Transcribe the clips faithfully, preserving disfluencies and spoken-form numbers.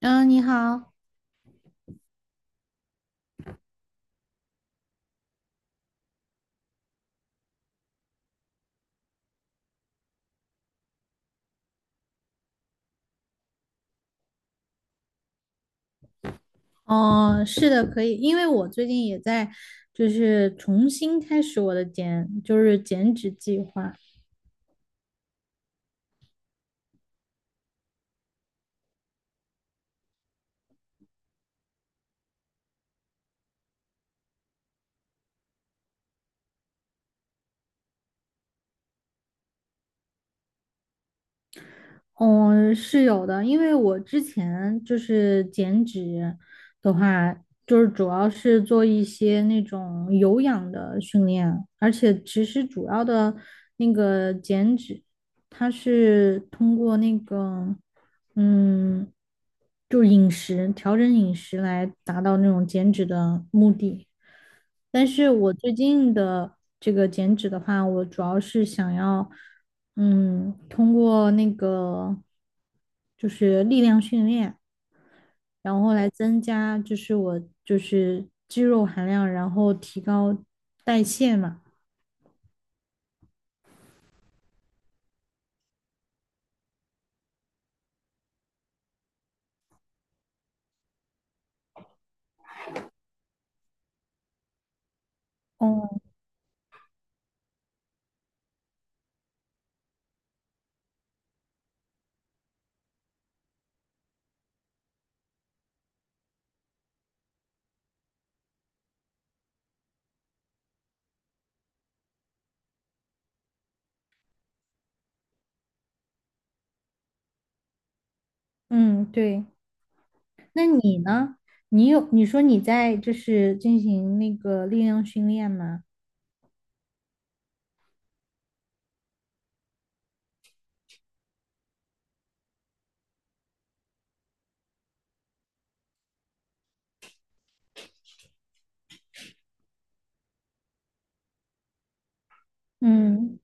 嗯，你好。哦，是的，可以，因为我最近也在，就是重新开始我的减，就是减脂计划。嗯，是有的，因为我之前就是减脂的话，就是主要是做一些那种有氧的训练，而且其实主要的那个减脂，它是通过那个，嗯，就饮食，调整饮食来达到那种减脂的目的。但是我最近的这个减脂的话，我主要是想要，嗯，通过那个就是力量训练，然后来增加就是我就是肌肉含量，然后提高代谢嘛。哦。嗯，对。那你呢？你有，你说你在就是进行那个力量训练吗？嗯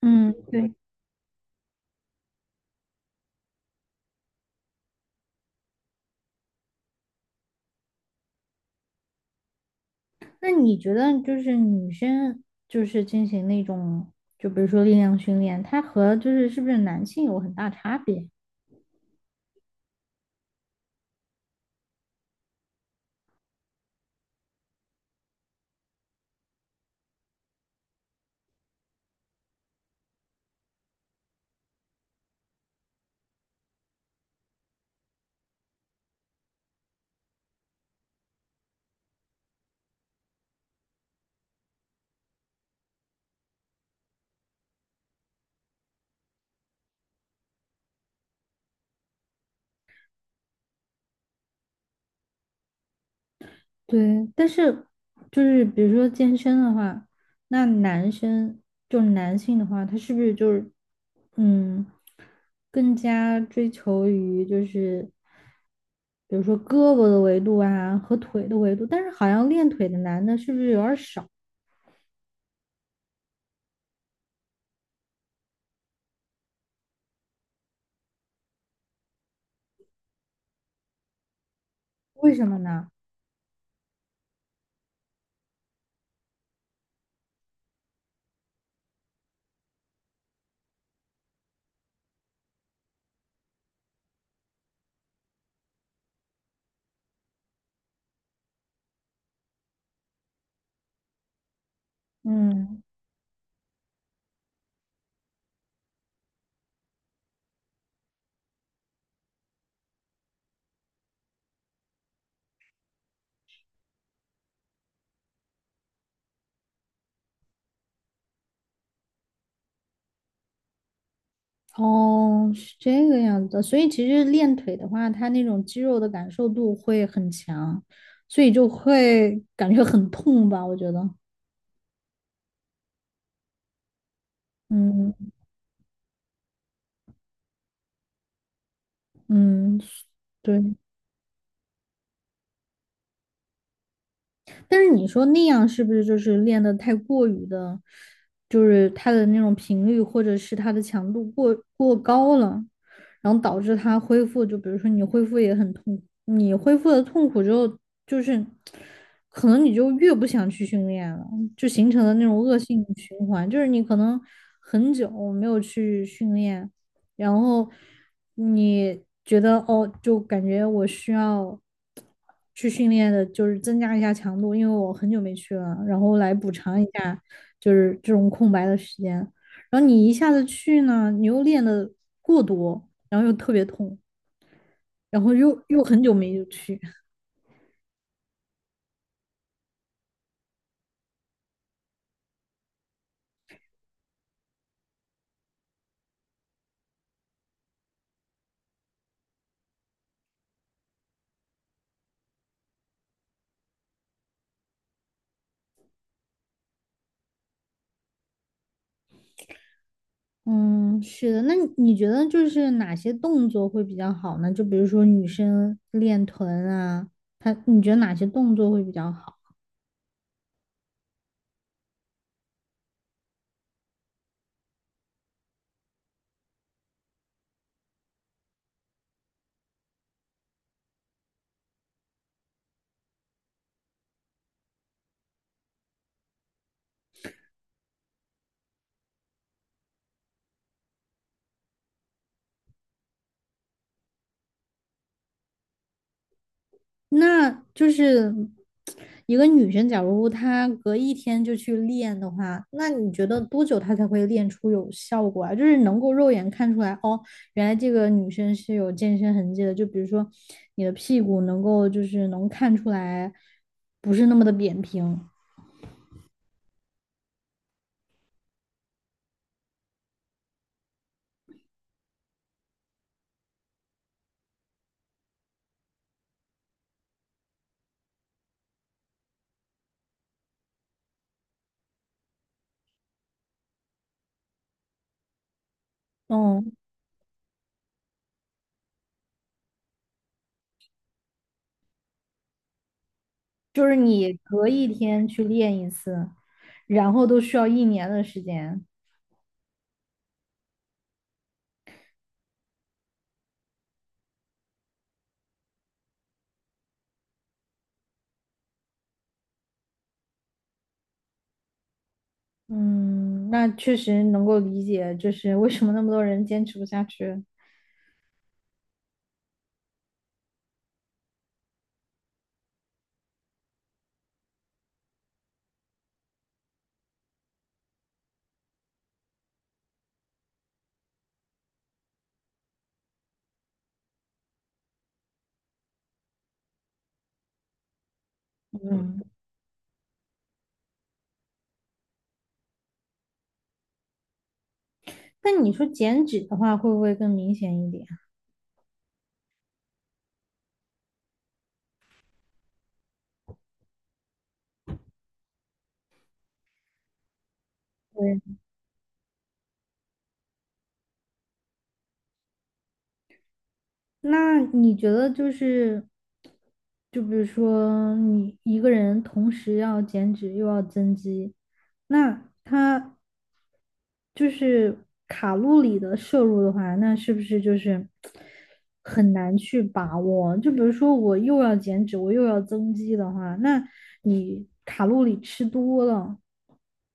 嗯，对。那你觉得就是女生就是进行那种，就比如说力量训练，它和就是是不是男性有很大差别？对，但是就是比如说健身的话，那男生就男性的话，他是不是就是，嗯，更加追求于就是比如说胳膊的维度啊和腿的维度，但是好像练腿的男的是不是有点儿少？为什么呢？嗯。哦，是这个样子的，所以其实练腿的话，它那种肌肉的感受度会很强，所以就会感觉很痛吧，我觉得。嗯。嗯，对。但是你说那样是不是就是练的太过于的，就是它的那种频率或者是它的强度过过高了，然后导致它恢复，就比如说你恢复也很痛苦，你恢复的痛苦之后，就是可能你就越不想去训练了，就形成了那种恶性循环，就是你可能很久没有去训练，然后你觉得哦，就感觉我需要去训练的，就是增加一下强度，因为我很久没去了，然后来补偿一下，就是这种空白的时间。然后你一下子去呢，你又练的过多，然后又特别痛，然后又又很久没有去。嗯，是的。那你你觉得就是哪些动作会比较好呢？就比如说女生练臀啊，她你觉得哪些动作会比较好？那就是一个女生，假如她隔一天就去练的话，那你觉得多久她才会练出有效果啊？就是能够肉眼看出来，哦，原来这个女生是有健身痕迹的。就比如说你的屁股能够就是能看出来不是那么的扁平。嗯，就是你隔一天去练一次，然后都需要一年的时间。嗯，那确实能够理解，就是为什么那么多人坚持不下去。嗯。那你说减脂的话，会不会更明显一点？对，那你觉得就是，就比如说你一个人同时要减脂又要增肌，那他就是卡路里的摄入的话，那是不是就是很难去把握？就比如说我又要减脂，我又要增肌的话，那你卡路里吃多了，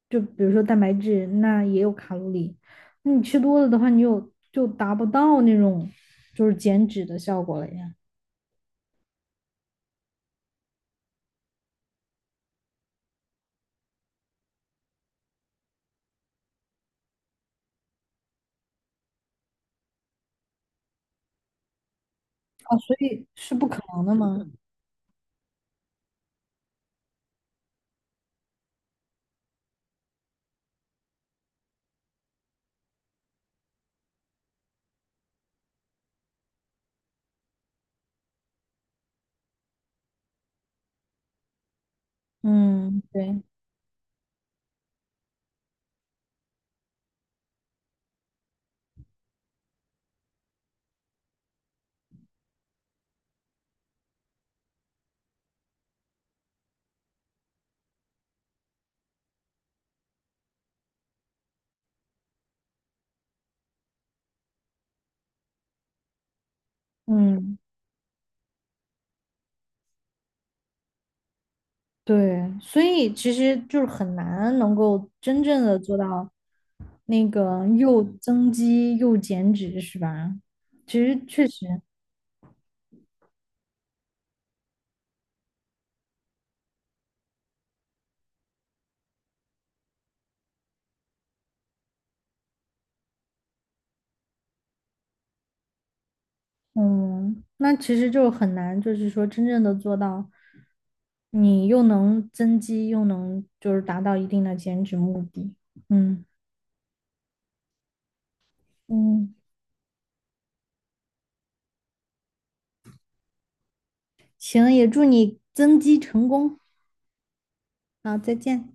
就比如说蛋白质，那也有卡路里。那你吃多了的话，你有就达不到那种就是减脂的效果了呀。啊，所以是不可能的嘛。嗯，对。嗯，对，所以其实就是很难能够真正的做到那个又增肌又减脂，是吧？其实确实。嗯，那其实就很难，就是说真正的做到，你又能增肌，又能就是达到一定的减脂目的。嗯嗯。行，也祝你增肌成功。好，再见。